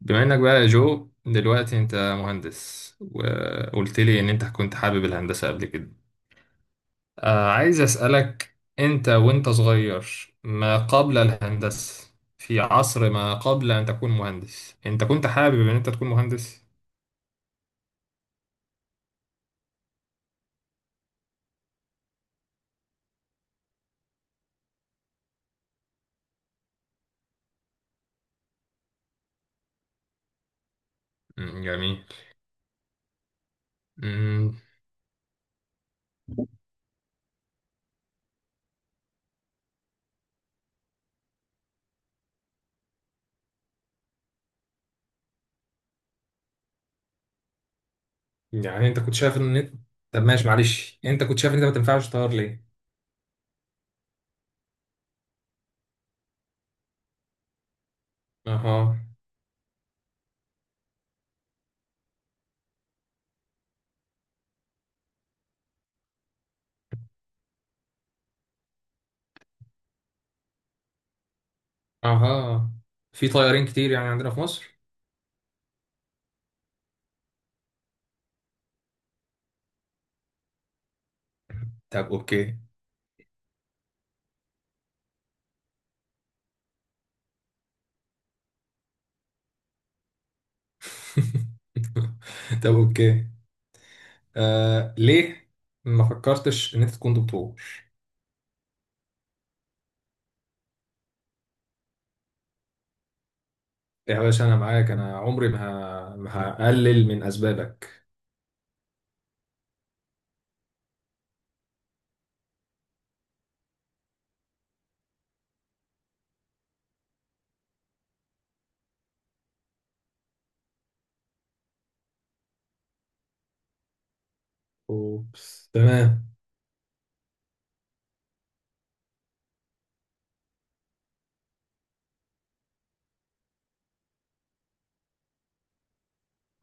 بما انك بقى يا جو دلوقتي انت مهندس، وقلت لي ان انت كنت حابب الهندسة قبل كده. آه، عايز اسألك انت وانت صغير ما قبل الهندسة، في عصر ما قبل ان تكون مهندس، انت كنت حابب ان انت تكون مهندس؟ جميل. مم، يعني انت كنت شايف ان انت، طب ماشي معلش، انت كنت شايف ان انت ما تنفعش طيار ليه؟ اها. اها، في طيارين كتير يعني عندنا في مصر. طب اوكي. طب اوكي. آه ليه ما فكرتش ان انت تكون دكتور؟ يا باشا انا معاك، انا عمري ما ما هقلل من اسبابك. اوبس، تمام.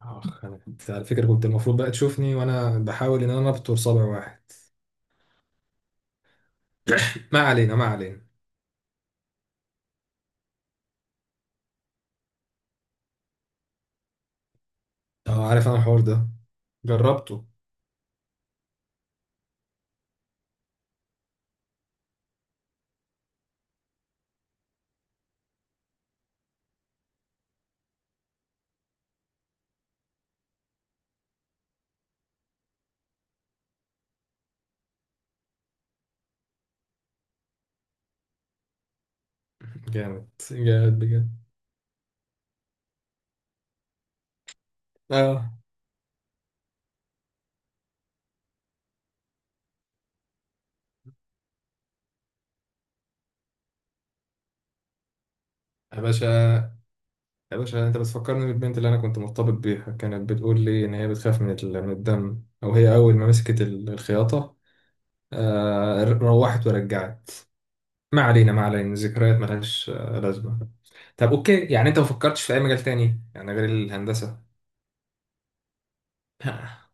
اخ، انا كنت على فكره كنت المفروض بقى تشوفني وانا بحاول ان انا ابتر صابع واحد. ما علينا ما علينا. اه، عارف انا الحوار ده، جربته. جامد جامد بجد. اه. يا باشا، يا باشا، انت بتفكرني بالبنت اللي انا كنت مرتبط بيها، كانت بتقول لي ان هي بتخاف من من الدم، او هي اول ما مسكت الخياطه روحت ورجعت. ما علينا ما علينا، ذكريات ملهاش لازمة. طب اوكي، يعني انت ما فكرتش في اي مجال تاني يعني غير الهندسة؟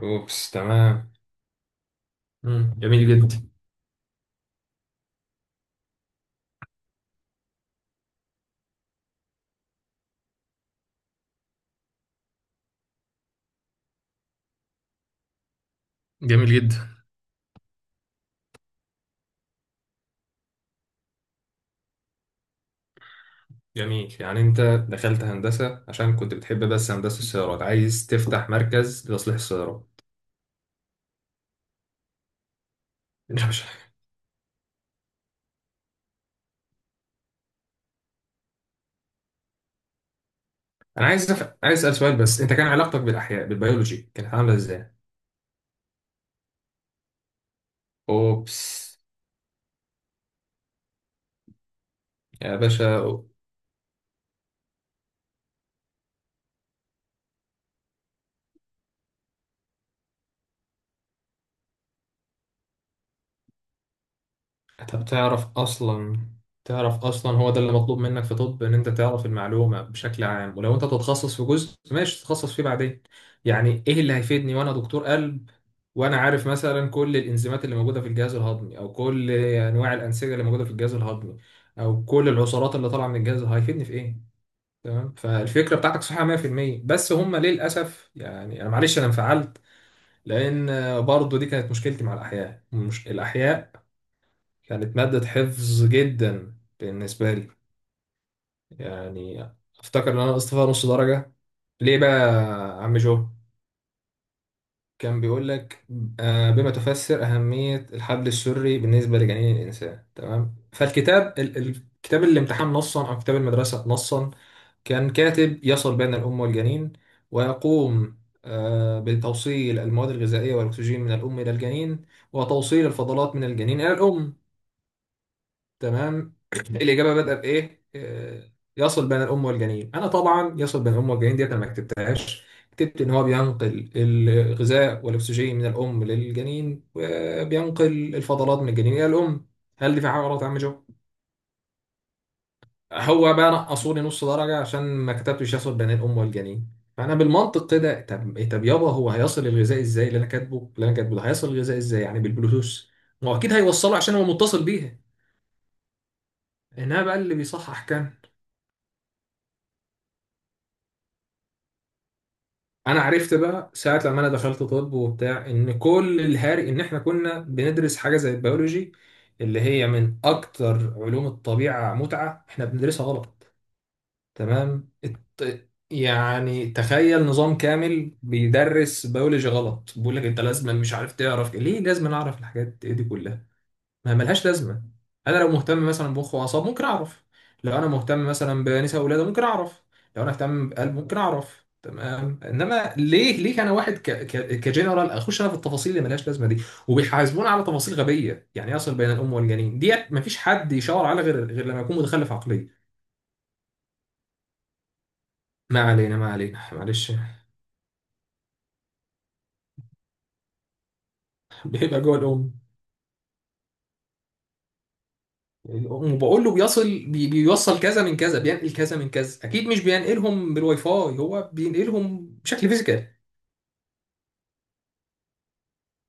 اوبس، تمام. مم، جميل جدا. جميل جدا. جميل، يعني انت دخلت هندسة عشان كنت بتحب، بس هندسة السيارات، عايز تفتح مركز لتصليح السيارات. يا باشا، انا عايز عايز اسأل سؤال بس، انت كان علاقتك بالاحياء بالبيولوجي كانت عاملة ازاي؟ اوبس. يا باشا. طب تعرف اصلا، تعرف اصلا هو ده اللي مطلوب منك في طب، ان انت تعرف المعلومه بشكل عام، ولو انت تتخصص في جزء ماشي تتخصص فيه بعدين. يعني ايه اللي هيفيدني وانا دكتور قلب وانا عارف مثلا كل الانزيمات اللي موجوده في الجهاز الهضمي، او كل انواع الانسجه اللي موجوده في الجهاز الهضمي، او كل العصارات اللي طالعه من الجهاز؟ هيفيدني في ايه؟ تمام، فالفكره بتاعتك صحيحه 100%، بس هم للاسف. يعني انا معلش انا انفعلت، لان برضو دي كانت مشكلتي مع الاحياء. مش الاحياء، كانت مادة حفظ جدا بالنسبة لي. يعني أفتكر إن أنا نقصت فيها نص درجة. ليه بقى يا عم جو؟ كان بيقول لك بما تفسر أهمية الحبل السري بالنسبة لجنين الإنسان، تمام؟ فالكتاب كتاب الامتحان نصا أو كتاب المدرسة نصا كان كاتب يصل بين الأم والجنين، ويقوم بتوصيل المواد الغذائية والأكسجين من الأم إلى الجنين، وتوصيل الفضلات من الجنين إلى الأم. تمام. الإجابة بدأ بإيه؟ يصل بين الأم والجنين. أنا طبعا يصل بين الأم والجنين ديت أنا ما كتبتهاش، كتبت إن هو بينقل الغذاء والأكسجين من الأم للجنين، وبينقل الفضلات من الجنين إلى الأم. هل دي في حاجة غلط يا عم جو؟ هو بقى نقصوا لي نص درجة عشان ما كتبتش يصل بين الأم والجنين. فأنا بالمنطق كده، طب طب يابا، هو هيصل الغذاء إزاي؟ اللي أنا كاتبه، اللي أنا كاتبه ده هيصل الغذاء إزاي، يعني بالبلوتوث؟ ما هو أكيد هيوصله عشان هو متصل بيها. إنها بقى اللي بيصحح كام؟ انا عرفت بقى ساعه لما انا دخلت طب وبتاع، ان كل الهاري ان احنا كنا بندرس حاجه زي البيولوجي، اللي هي من اكتر علوم الطبيعه متعه، احنا بندرسها غلط. تمام، يعني تخيل نظام كامل بيدرس بيولوجي غلط، بيقول لك انت لازم، مش عارف تعرف ليه لازم اعرف الحاجات دي كلها، ما ملهاش لازمه. انا لو مهتم مثلا بمخ واعصاب ممكن اعرف، لو انا مهتم مثلا بنساء ولاده ممكن اعرف، لو انا اهتم بقلب ممكن اعرف، تمام. انما ليه، ليه انا واحد كجنرال اخش انا في التفاصيل اللي ملهاش لازمه دي، وبيحاسبونا على تفاصيل غبيه، يعني يصل بين الام والجنين ديت مفيش حد يشاور على غير، غير لما يكون متخلف عقليا. ما علينا ما علينا معلش. بيبقى جوه الام. الام، وبقول له بيصل بيوصل كذا من كذا، بينقل كذا من كذا، اكيد مش بينقلهم بالواي فاي، هو بينقلهم بشكل فيزيكال.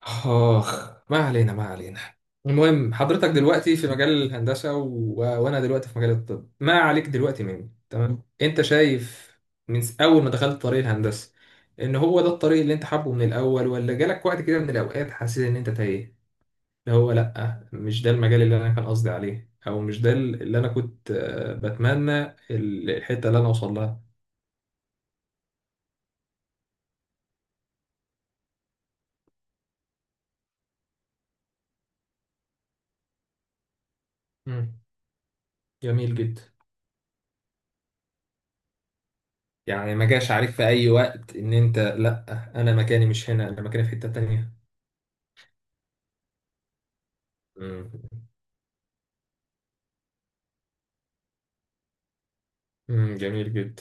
آخ، ما علينا ما علينا. المهم حضرتك دلوقتي في مجال الهندسة وأنا دلوقتي في مجال الطب. ما عليك دلوقتي مني. تمام، أنت شايف من أول ما دخلت طريق الهندسة إن هو ده الطريق اللي أنت حابه من الأول، ولا جالك وقت كده من الأوقات حسيت إن أنت تايه، اللي هو لأ مش ده المجال اللي أنا كان قصدي عليه، أو مش ده اللي أنا كنت بتمنى الحتة اللي أنا أوصل لها؟ مم، جميل جدا. يعني ما جاش عليك في اي وقت ان انت لا، انا مكاني مش هنا، انا مكاني في حتة تانية؟ مم. مم، جميل جدا.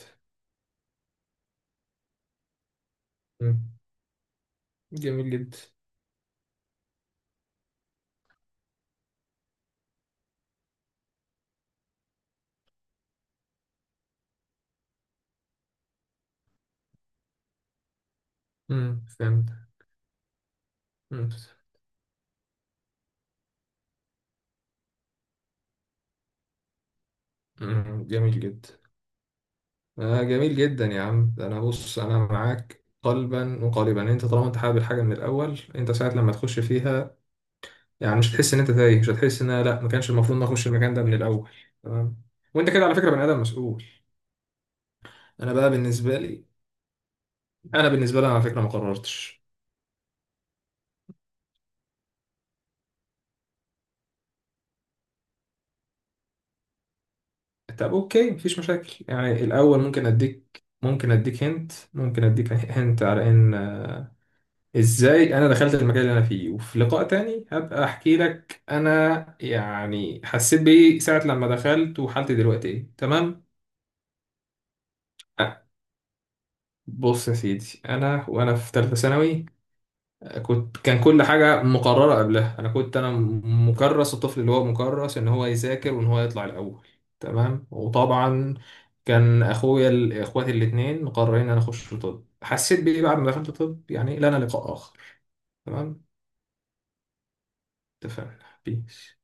مم، جميل جدا. مم، فهمت. مم. مم، جميل جدا. آه جميل جدا يا عم. ده انا بص انا معاك قلبا وقالبا، انت طالما انت حابب الحاجه من الاول، انت ساعه لما تخش فيها يعني مش هتحس ان انت تايه، مش هتحس ان أنا لا، ما كانش المفروض ان أنا اخش المكان ده من الاول. تمام. وانت كده على فكره بني ادم مسؤول. انا بقى بالنسبه لي، انا بالنسبه لي انا على فكره ما قررتش. طب اوكي، مفيش مشاكل. يعني الاول ممكن اديك، ممكن اديك هنت، ممكن اديك هنت على ان ازاي انا دخلت المكان اللي انا فيه، وفي لقاء تاني هبقى احكي لك انا يعني حسيت بايه ساعة لما دخلت، وحالتي دلوقتي ايه، تمام؟ آه، بص يا سيدي، انا وانا في ثالثة ثانوي كنت، كان كل حاجة مقررة قبلها. أنا كنت أنا مكرس، الطفل اللي هو مكرس إن هو يذاكر وإن هو يطلع الأول، تمام. وطبعا كان أخويا إخواتي الاتنين مقررين إن أنا أخش طب. حسيت بإيه بعد ما دخلت طب؟ يعني لنا لقاء آخر، تمام. اتفقنا. بيس.